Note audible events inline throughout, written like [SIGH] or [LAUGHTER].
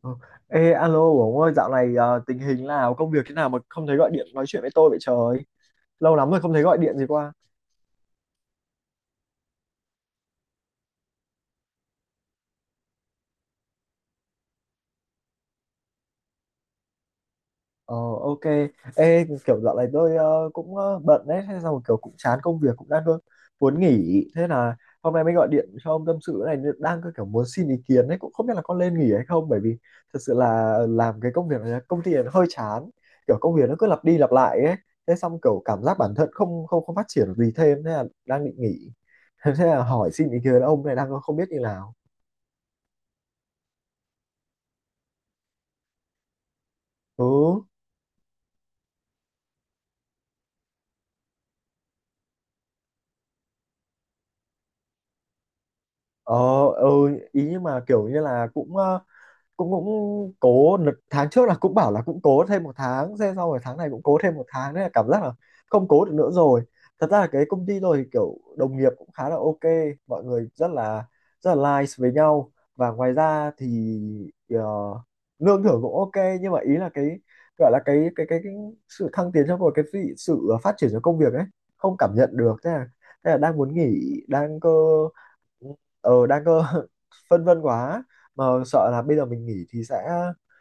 Ờ. Ê, alo Bổng ơi, dạo này tình hình nào, công việc thế nào mà không thấy gọi điện nói chuyện với tôi vậy trời? Lâu lắm rồi không thấy gọi điện gì qua. Ờ ok. Ê kiểu dạo này tôi cũng bận đấy. Thế xong kiểu cũng chán công việc cũng đang cơ, muốn nghỉ. Thế là hôm nay mới gọi điện cho ông tâm sự này. Đang cơ kiểu muốn xin ý kiến đấy. Cũng không biết là có nên nghỉ hay không. Bởi vì thật sự là làm cái công việc này công ty này nó hơi chán. Kiểu công việc nó cứ lặp đi lặp lại ấy. Thế xong kiểu cảm giác bản thân không không không phát triển được gì thêm. Thế là đang định nghỉ. [LAUGHS] Thế là hỏi xin ý kiến ông này đang không biết như nào. Ừ. Ờ, ừ, ý nhưng mà kiểu như là cũng cũng cũng cố tháng trước là cũng bảo là cũng cố thêm một tháng, thế sau rồi tháng này cũng cố thêm một tháng, nên là cảm giác là không cố được nữa rồi. Thật ra là cái công ty rồi kiểu đồng nghiệp cũng khá là ok, mọi người rất là nice với nhau. Và ngoài ra thì ờ, lương thưởng cũng ok, nhưng mà ý là cái gọi là cái sự thăng tiến trong một cái sự phát triển trong công việc ấy không cảm nhận được, thế là đang muốn nghỉ đang cơ. Ờ đang cơ. [LAUGHS] Phân vân quá. Mà sợ là bây giờ mình nghỉ thì sẽ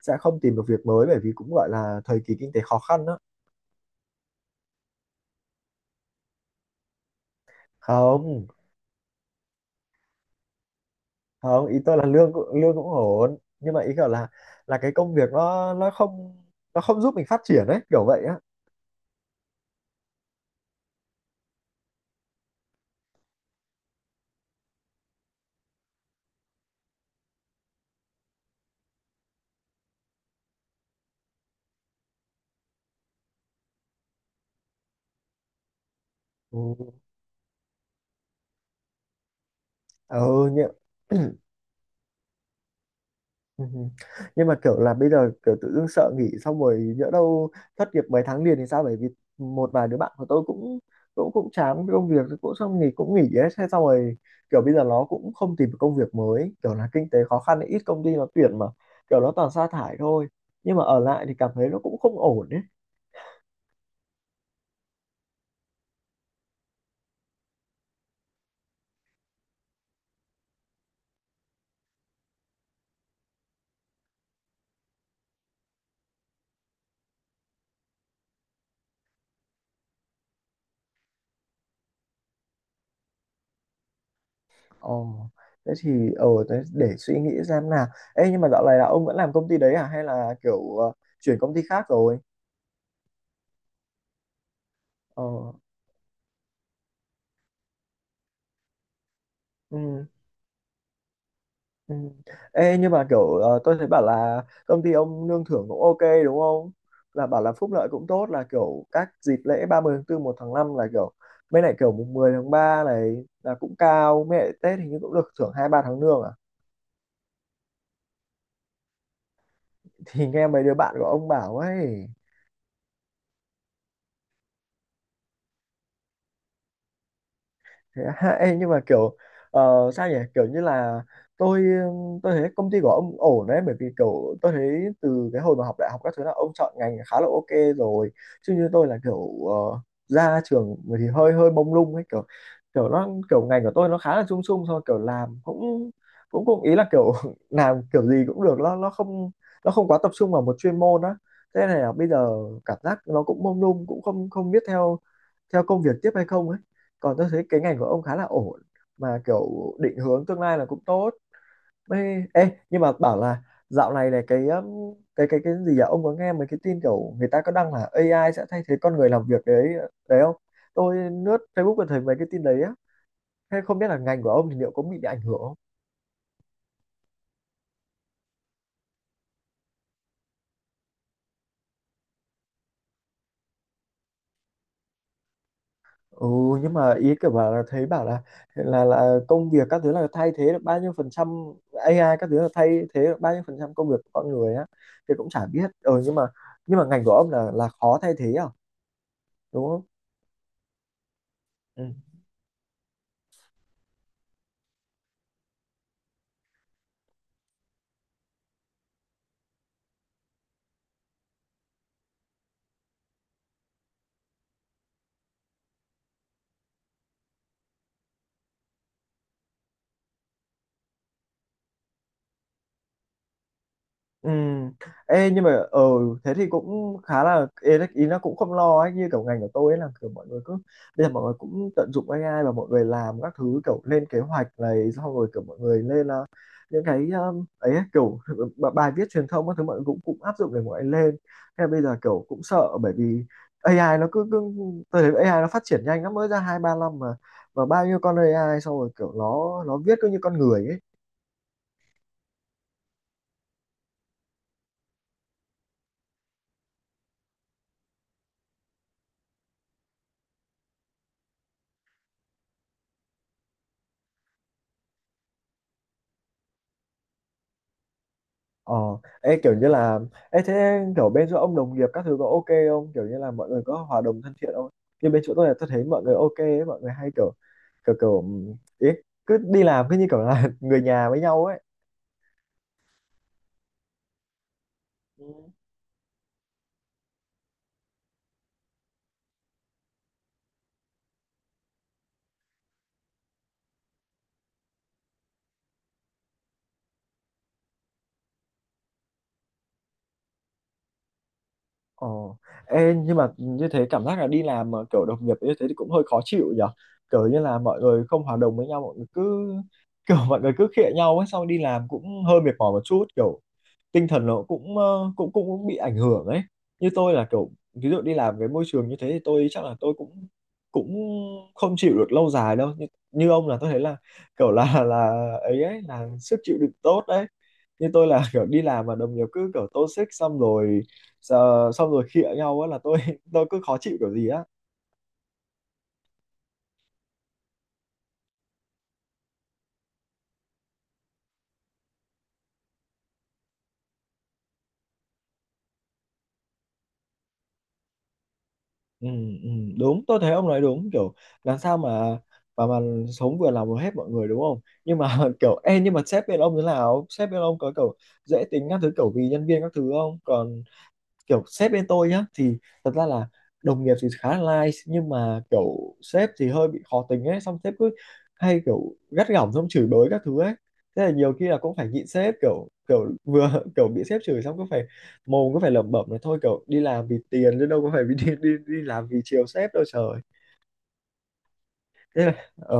sẽ không tìm được việc mới bởi vì cũng gọi là thời kỳ kinh tế khó khăn đó. Không, không, ý tôi là lương cũng ổn, nhưng mà ý kiểu là cái công việc nó nó không giúp mình phát triển ấy, kiểu vậy á. Ừ, ừ nhỉ. [CLEARS THROAT] Ừ. Nhưng mà kiểu là bây giờ kiểu tự dưng sợ nghỉ xong rồi nhỡ đâu thất nghiệp mấy tháng liền thì sao, bởi vì một vài đứa bạn của tôi cũng cũng cũng chán cái công việc cũng xong nghỉ cũng nghỉ ấy, thế xong rồi kiểu bây giờ nó cũng không tìm được công việc mới, kiểu là kinh tế khó khăn ấy, ít công ty nó tuyển mà kiểu nó toàn sa thải thôi. Nhưng mà ở lại thì cảm thấy nó cũng không ổn đấy. Ồ, thế thì ờ thế để suy nghĩ xem nào. Ê nhưng mà dạo này là ông vẫn làm công ty đấy à hay là kiểu chuyển công ty khác rồi? Ờ. Ừ. Ừ. Ê, nhưng mà kiểu tôi thấy bảo là công ty ông lương thưởng cũng ok đúng không? Là bảo là phúc lợi cũng tốt là kiểu các dịp lễ 30 tháng tư một tháng 5 là kiểu, mấy lại kiểu mùng 10 tháng 3 này là cũng cao, mấy lại Tết hình như cũng được thưởng 2 3 tháng lương à? Thì nghe mấy đứa bạn của ông bảo ấy. Thế á. [LAUGHS] Ê, nhưng mà kiểu ờ, sao nhỉ, kiểu như là tôi tôi thấy công ty của ông ổn đấy, bởi vì kiểu tôi thấy từ cái hồi mà học đại học các thứ là ông chọn ngành khá là ok rồi, chứ như tôi là kiểu ra trường thì hơi hơi mông lung ấy, kiểu kiểu nó kiểu ngành của tôi nó khá là chung chung thôi, kiểu làm cũng cũng cũng ý là kiểu [LAUGHS] làm kiểu gì cũng được, nó nó không quá tập trung vào một chuyên môn á. Thế này là bây giờ cảm giác nó cũng mông lung, cũng không không biết theo theo công việc tiếp hay không ấy. Còn tôi thấy cái ngành của ông khá là ổn, mà kiểu định hướng tương lai là cũng tốt. Ê, ê nhưng mà bảo là dạo này này cái cái gì à, ông có nghe mấy cái tin kiểu người ta có đăng là AI sẽ thay thế con người làm việc đấy đấy không? Tôi lướt Facebook và thấy mấy cái tin đấy á. Thế không biết là ngành của ông thì liệu có bị ảnh hưởng không? Ừ, nhưng mà ý kiểu bảo là thấy bảo là công việc các thứ là thay thế được bao nhiêu phần trăm, AI các thứ là thay thế được bao nhiêu phần trăm công việc của con người á thì cũng chả biết. Ừ, nhưng mà ngành của ông là khó thay thế à đúng không? Ừ. Ừ. Ê, nhưng mà ờ thế thì cũng khá là ý nó cũng không lo ấy, như kiểu ngành của tôi ấy là kiểu mọi người cứ bây giờ mọi người cũng tận dụng AI, và mọi người làm các thứ kiểu lên kế hoạch này, xong rồi kiểu mọi người lên những cái ấy ấy, kiểu bài viết truyền thông các thứ mọi người cũng cũng áp dụng để mọi người lên. Thế là bây giờ kiểu cũng sợ bởi vì AI nó cứ, tôi thấy AI nó phát triển nhanh, nó mới ra 2 3 năm mà, và bao nhiêu con AI, xong rồi kiểu nó viết cứ như con người ấy. Ờ, ê, kiểu như là ê, thế kiểu bên chỗ ông đồng nghiệp các thứ có ok không? Kiểu như là mọi người có hòa đồng thân thiện không? Như bên chỗ tôi là tôi thấy mọi người ok ấy, mọi người hay kiểu kiểu kiểu ý, cứ đi làm cứ như kiểu là [LAUGHS] người nhà với nhau ấy. Ừ. Ờ, ê, nhưng mà như thế cảm giác là đi làm mà kiểu đồng nghiệp như thế thì cũng hơi khó chịu nhở. Kiểu như là mọi người không hòa đồng với nhau, mọi người cứ [LAUGHS] kiểu mọi người cứ khịa nhau ấy, xong đi làm cũng hơi mệt mỏi một chút, kiểu tinh thần nó cũng cũng bị ảnh hưởng ấy. Như tôi là kiểu ví dụ đi làm cái môi trường như thế thì tôi chắc là tôi cũng cũng không chịu được lâu dài đâu. Như, như ông là tôi thấy là kiểu là ấy ấy là sức chịu đựng tốt đấy. Như tôi là [LAUGHS] kiểu đi làm mà đồng nghiệp cứ kiểu toxic xong rồi xong rồi khịa nhau á là tôi [LAUGHS] tôi cứ khó chịu kiểu gì á. Ừ, ừ, đúng, tôi thấy ông nói đúng, kiểu làm sao mà mà sống vừa lòng hết mọi người đúng không, nhưng mà [LAUGHS] kiểu ê nhưng mà sếp bên ông thế nào, sếp bên ông có kiểu dễ tính các thứ kiểu vì nhân viên các thứ không, còn kiểu sếp bên tôi nhá thì thật ra là đồng nghiệp thì khá là nice, nhưng mà kiểu sếp thì hơi bị khó tính ấy, xong sếp cứ hay kiểu gắt gỏng xong chửi bới các thứ ấy. Thế là nhiều khi là cũng phải nhịn sếp kiểu kiểu vừa [LAUGHS] kiểu bị sếp chửi xong cứ phải mồm cứ phải lẩm bẩm là thôi, kiểu đi làm vì tiền chứ đâu có phải vì đi, đi đi làm vì chiều sếp đâu trời. Thế là ờ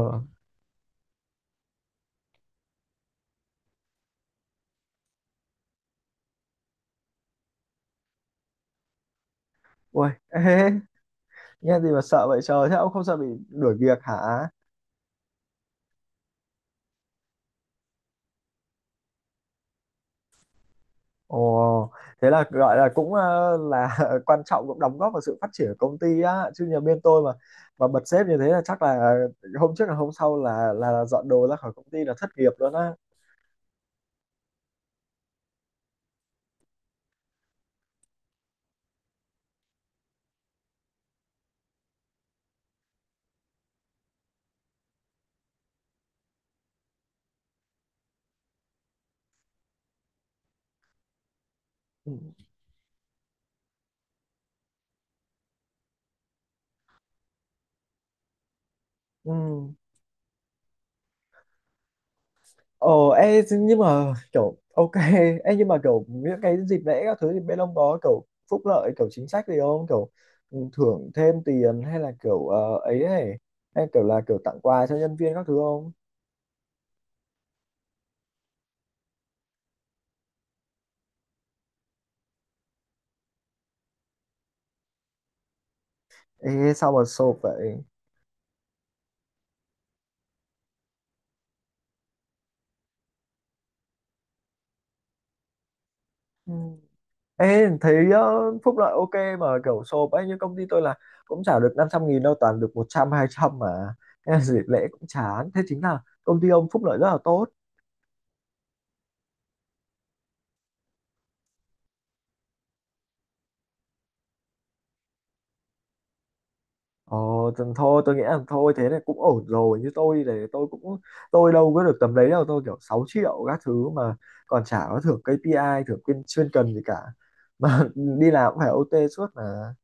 ui ê. [LAUGHS] Nghe gì mà sợ vậy trời, thế ông không sợ bị đuổi việc hả? Ồ, thế là gọi là cũng là [LAUGHS] quan trọng, cũng đóng góp vào sự phát triển của công ty á, chứ nhà bên tôi mà bật sếp như thế là chắc là hôm trước là hôm sau là dọn đồ ra khỏi công ty là thất nghiệp luôn á. Ừ. Ừ. Ồ, ê, nhưng mà kiểu ok. [LAUGHS] Ê, nhưng mà kiểu những cái dịp lễ các thứ thì bên ông có kiểu phúc lợi kiểu chính sách gì không, kiểu thưởng thêm tiền hay là kiểu ấy ấy, hay kiểu là kiểu tặng quà cho nhân viên các thứ không? Ê sao mà sộp vậy. Ừ. Ê, thấy phúc lợi ok mà kiểu sộp ấy, như công ty tôi là cũng trả được 500 nghìn đâu, toàn được 100 trăm 200 mà. Thế là dịp lễ cũng chán, thế chính là công ty ông phúc lợi rất là tốt. Ồ, thì thôi tôi nghĩ là thôi thế này cũng ổn rồi, như tôi thì tôi đâu có được tầm đấy đâu, tôi kiểu 6 triệu các thứ mà, còn chả có thưởng KPI, thưởng chuyên chuyên cần gì cả mà, [LAUGHS] đi làm cũng phải OT suốt mà.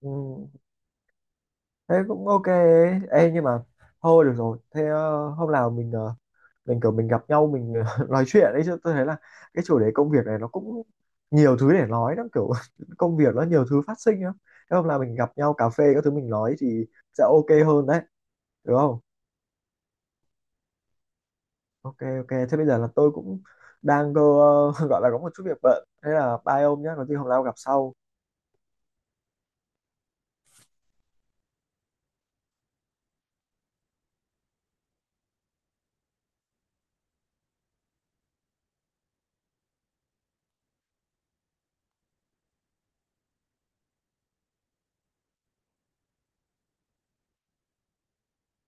Ừ. Thế cũng ok ấy. Ê, nhưng mà thôi được rồi, thế hôm nào mình mình kiểu mình gặp nhau mình [LAUGHS] nói chuyện ấy, chứ tôi thấy là cái chủ đề công việc này nó cũng nhiều thứ để nói lắm, kiểu [LAUGHS] công việc nó nhiều thứ phát sinh lắm. Thế hôm nào mình gặp nhau cà phê các thứ mình nói thì sẽ ok hơn đấy, được không? Ok, ok, thế bây giờ là tôi cũng đang cơ, [LAUGHS] gọi là có một chút việc bận, thế là bye ông nhé, có gì hôm nào gặp sau.